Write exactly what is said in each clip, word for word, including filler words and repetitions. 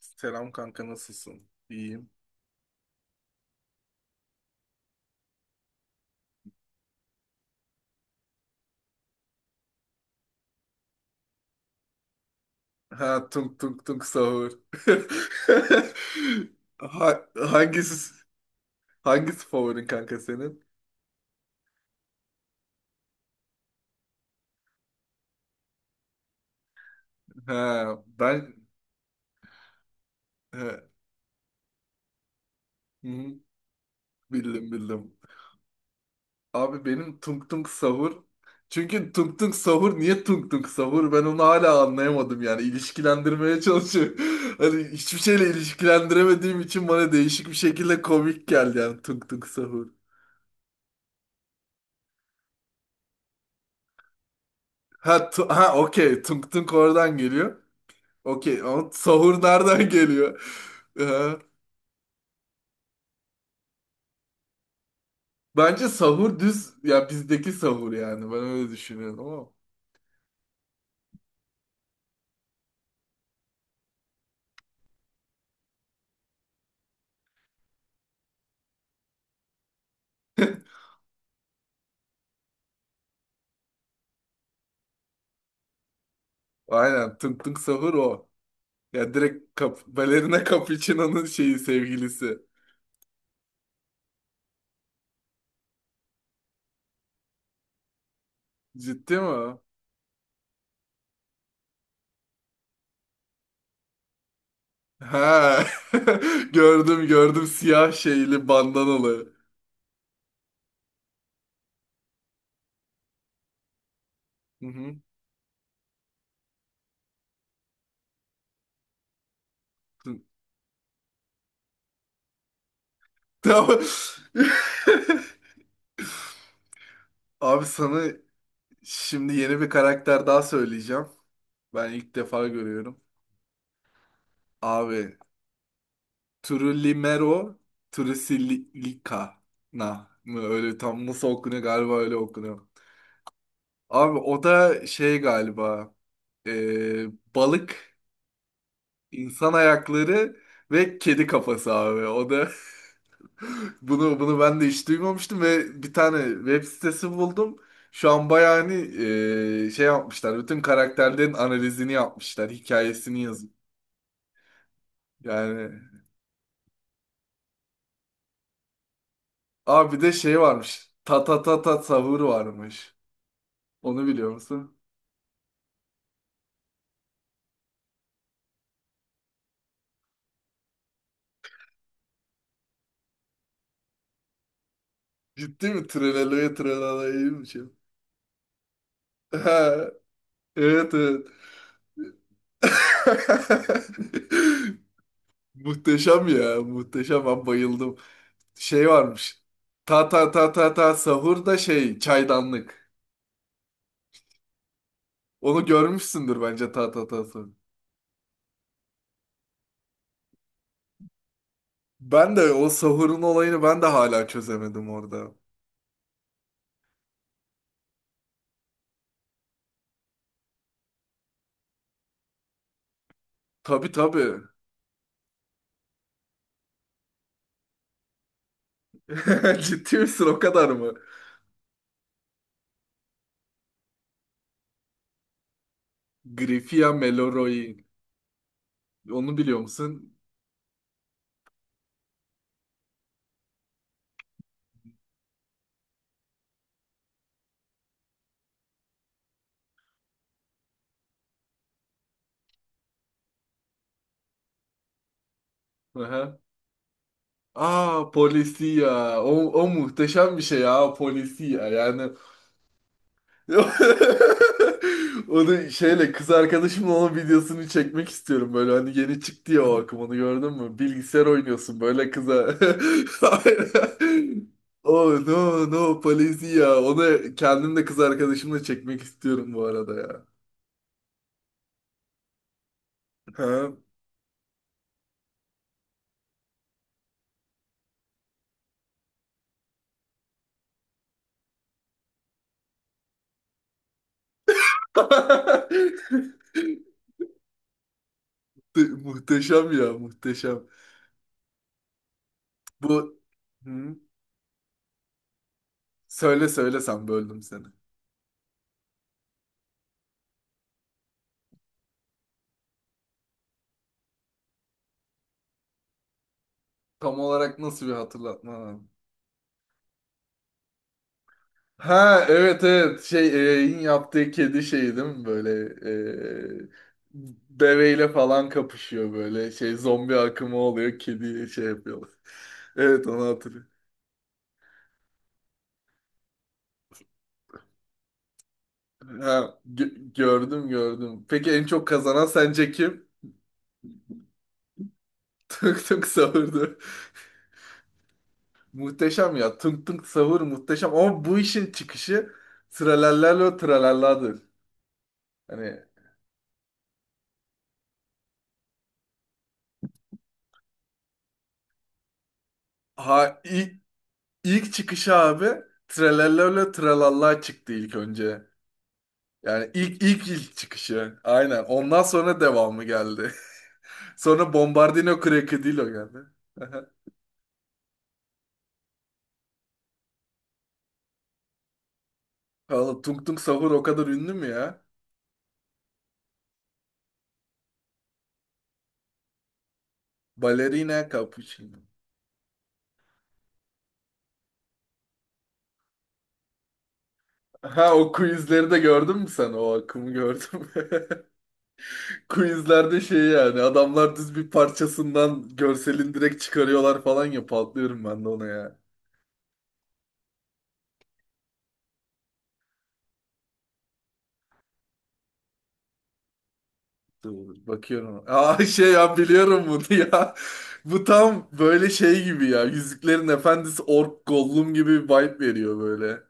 Selam kanka, nasılsın? İyiyim. Ha, tunk tunk tunk sahur. Ha- hangisi hangisi favorin kanka senin? Ha, ben. He. Hı. Bildim, bildim. Abi, benim tunk tunk sahur. Çünkü tunk tunk sahur niye tunk tunk sahur? Ben onu hala anlayamadım yani. İlişkilendirmeye çalışıyorum. Hani hiçbir şeyle ilişkilendiremediğim için bana değişik bir şekilde komik geldi yani tunk tunk sahur. Ha, tu- ha, okey, tunk tunk oradan geliyor. Okey, ama sahur nereden geliyor? Ee, Bence sahur düz ya, bizdeki sahur, yani ben öyle düşünüyorum ama. Aynen, tınk tınk sahur o. Ya direkt kap Balerina Capuchino'nun şeyi, sevgilisi. Ciddi mi o? Ha. Gördüm, gördüm, siyah şeyli, bandanalı. Hı hı. Tamam. Abi, sana şimdi yeni bir karakter daha söyleyeceğim. Ben ilk defa görüyorum. Abi, Trulimero Trusilicana mı, öyle tam nasıl okunuyor, galiba öyle okunuyor. Abi o da şey galiba, e, balık, insan ayakları ve kedi kafası abi. O da bunu bunu ben de hiç duymamıştım ve bir tane web sitesi buldum. Şu an bayağı hani e, şey yapmışlar. Bütün karakterlerin analizini yapmışlar, hikayesini yazıp. Yani. Abi, bir de şey varmış. Ta ta ta ta savur varmış. Onu biliyor musun? Ciddi mi? Treleleye treleleyeymişim. Ha. Evet, evet. Muhteşem ya. Muhteşem. Ben bayıldım. Şey varmış. Ta ta ta ta ta sahur da şey çaydanlık. Onu görmüşsündür bence, ta ta ta sahur. Ben de o sahurun olayını ben de hala çözemedim orada. Tabii, tabii. Ciddi misin, o kadar mı? Grifia Meloroi. Onu biliyor musun? Aha. Aa, polisiya. O, o muhteşem bir şey ya polisiya. Yani onu şeyle, kız arkadaşımla onun videosunu çekmek istiyorum, böyle, hani yeni çıktı ya o akım, onu gördün mü? Bilgisayar oynuyorsun böyle kıza. Oh no no polisiya. Onu kendim de kız arkadaşımla çekmek istiyorum bu arada ya. Ha? Muhteşem ya, muhteşem. Bu Hı? Söyle, söyle sen, böldüm seni. Tam olarak nasıl bir hatırlatma? Ha, evet, evet, şey, e, in yaptığı kedi şeyi değil mi, böyle e, deveyle falan kapışıyor, böyle şey zombi akımı oluyor, kedi şey yapıyorlar. Evet, onu hatırlıyorum. Ha, gö- gördüm, gördüm. Peki en çok kazanan sence kim? Tunk tunk sahurdu. Muhteşem ya. Tunk tunk sahur muhteşem. Ama bu işin çıkışı tralallerle o tralalladır. Hani. Ha, ilk, ilk çıkışı abi, Trelellele Trelalla çıktı ilk önce. Yani ilk ilk ilk çıkışı. Aynen. Ondan sonra devamı geldi. Sonra Bombardino Crocodilo geldi. Oğlum, Tung Tung Sahur o kadar ünlü mü ya? Balerina Cappuccino. Ha, o quizleri de gördün mü sen? O akımı gördüm mü? Quizlerde şey yani adamlar düz bir parçasından görselin direkt çıkarıyorlar falan ya, patlıyorum ben de ona ya. Dur, bakıyorum. Aa, şey ya, biliyorum bunu ya. Bu tam böyle şey gibi ya. Yüzüklerin Efendisi Ork Gollum gibi bir vibe veriyor böyle.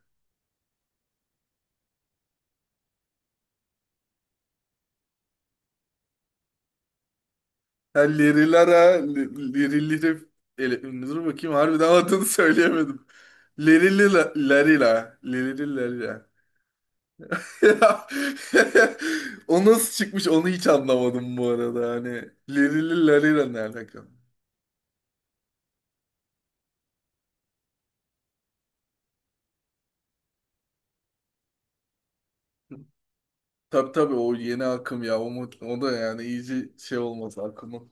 Ha, Lerilara, li- Liriliri... ele- Dur bakayım, harbiden adını söyleyemedim. Lerilila, Lerila, Lerilara. Ya. O nasıl çıkmış, onu hiç anlamadım bu arada. Hani Lerilara ne alaka? Tabii, tabii o yeni akım ya. O, mu- o da yani iyice şey olmaz akımı.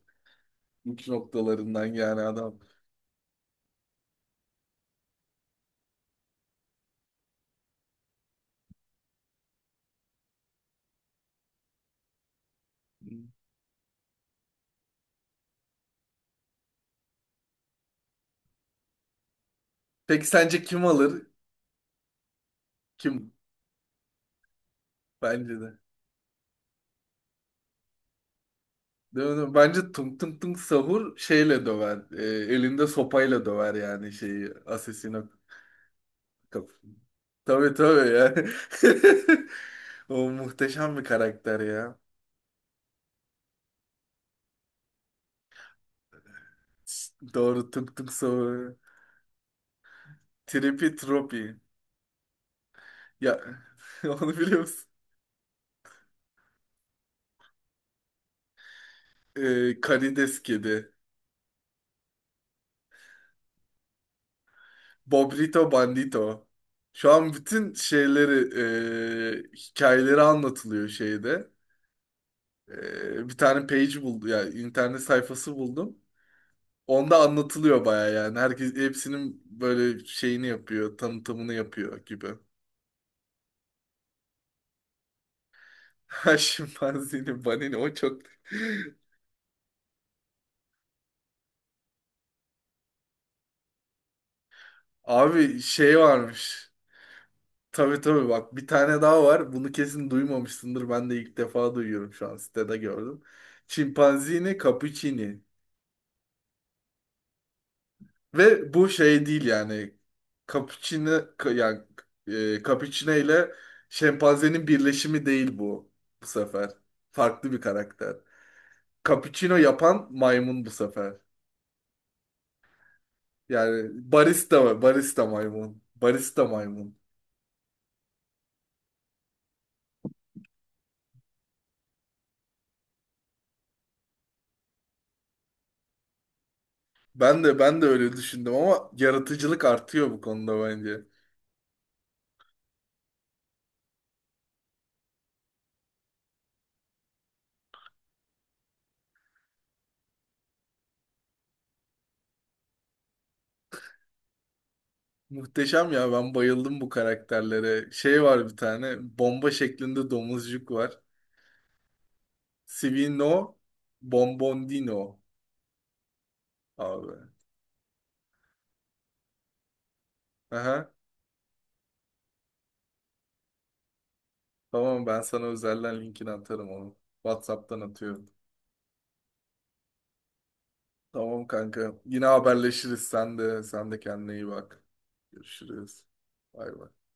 Uç noktalarından yani adam. Peki sence kim alır? Kim? Bence de. Değil mi? Bence tung tung tung sahur şeyle döver. E, elinde sopayla döver yani şeyi. Asesino kap. Tabii, tabii ya. O muhteşem bir karakter ya. Doğru, tung tung sahur. Tripi Tropi. Ya, onu biliyor musun? E, karides kedi. Bobrito Bandito. Şu an bütün şeyleri, e, hikayeleri anlatılıyor şeyde. E, bir tane page buldum, yani internet sayfası buldum. Onda anlatılıyor baya yani. Herkes hepsinin böyle şeyini yapıyor, tanıtımını yapıyor gibi. Ha, şimpanzini banini o çok... Abi, şey varmış. Tabii, tabii, bak bir tane daha var. Bunu kesin duymamışsındır. Ben de ilk defa duyuyorum, şu an sitede gördüm. Çimpanzini cappuccini. Ve bu şey değil yani. Cappuccino, ka- yani, e, cappuccino ile şempanzenin birleşimi değil bu bu sefer. Farklı bir karakter. Cappuccino yapan maymun bu sefer. Yani barista barista maymun. Barista maymun. Ben de ben de öyle düşündüm ama yaratıcılık artıyor bu konuda bence. Muhteşem ya, ben bayıldım bu karakterlere. Şey var, bir tane bomba şeklinde domuzcuk var. Sivino Bombondino abi. Aha, tamam, ben sana özelden linkini atarım onu. WhatsApp'tan atıyorum. Tamam kanka. Yine haberleşiriz. Sen de sen de kendine iyi bak. Görüşürüz. Bay bay.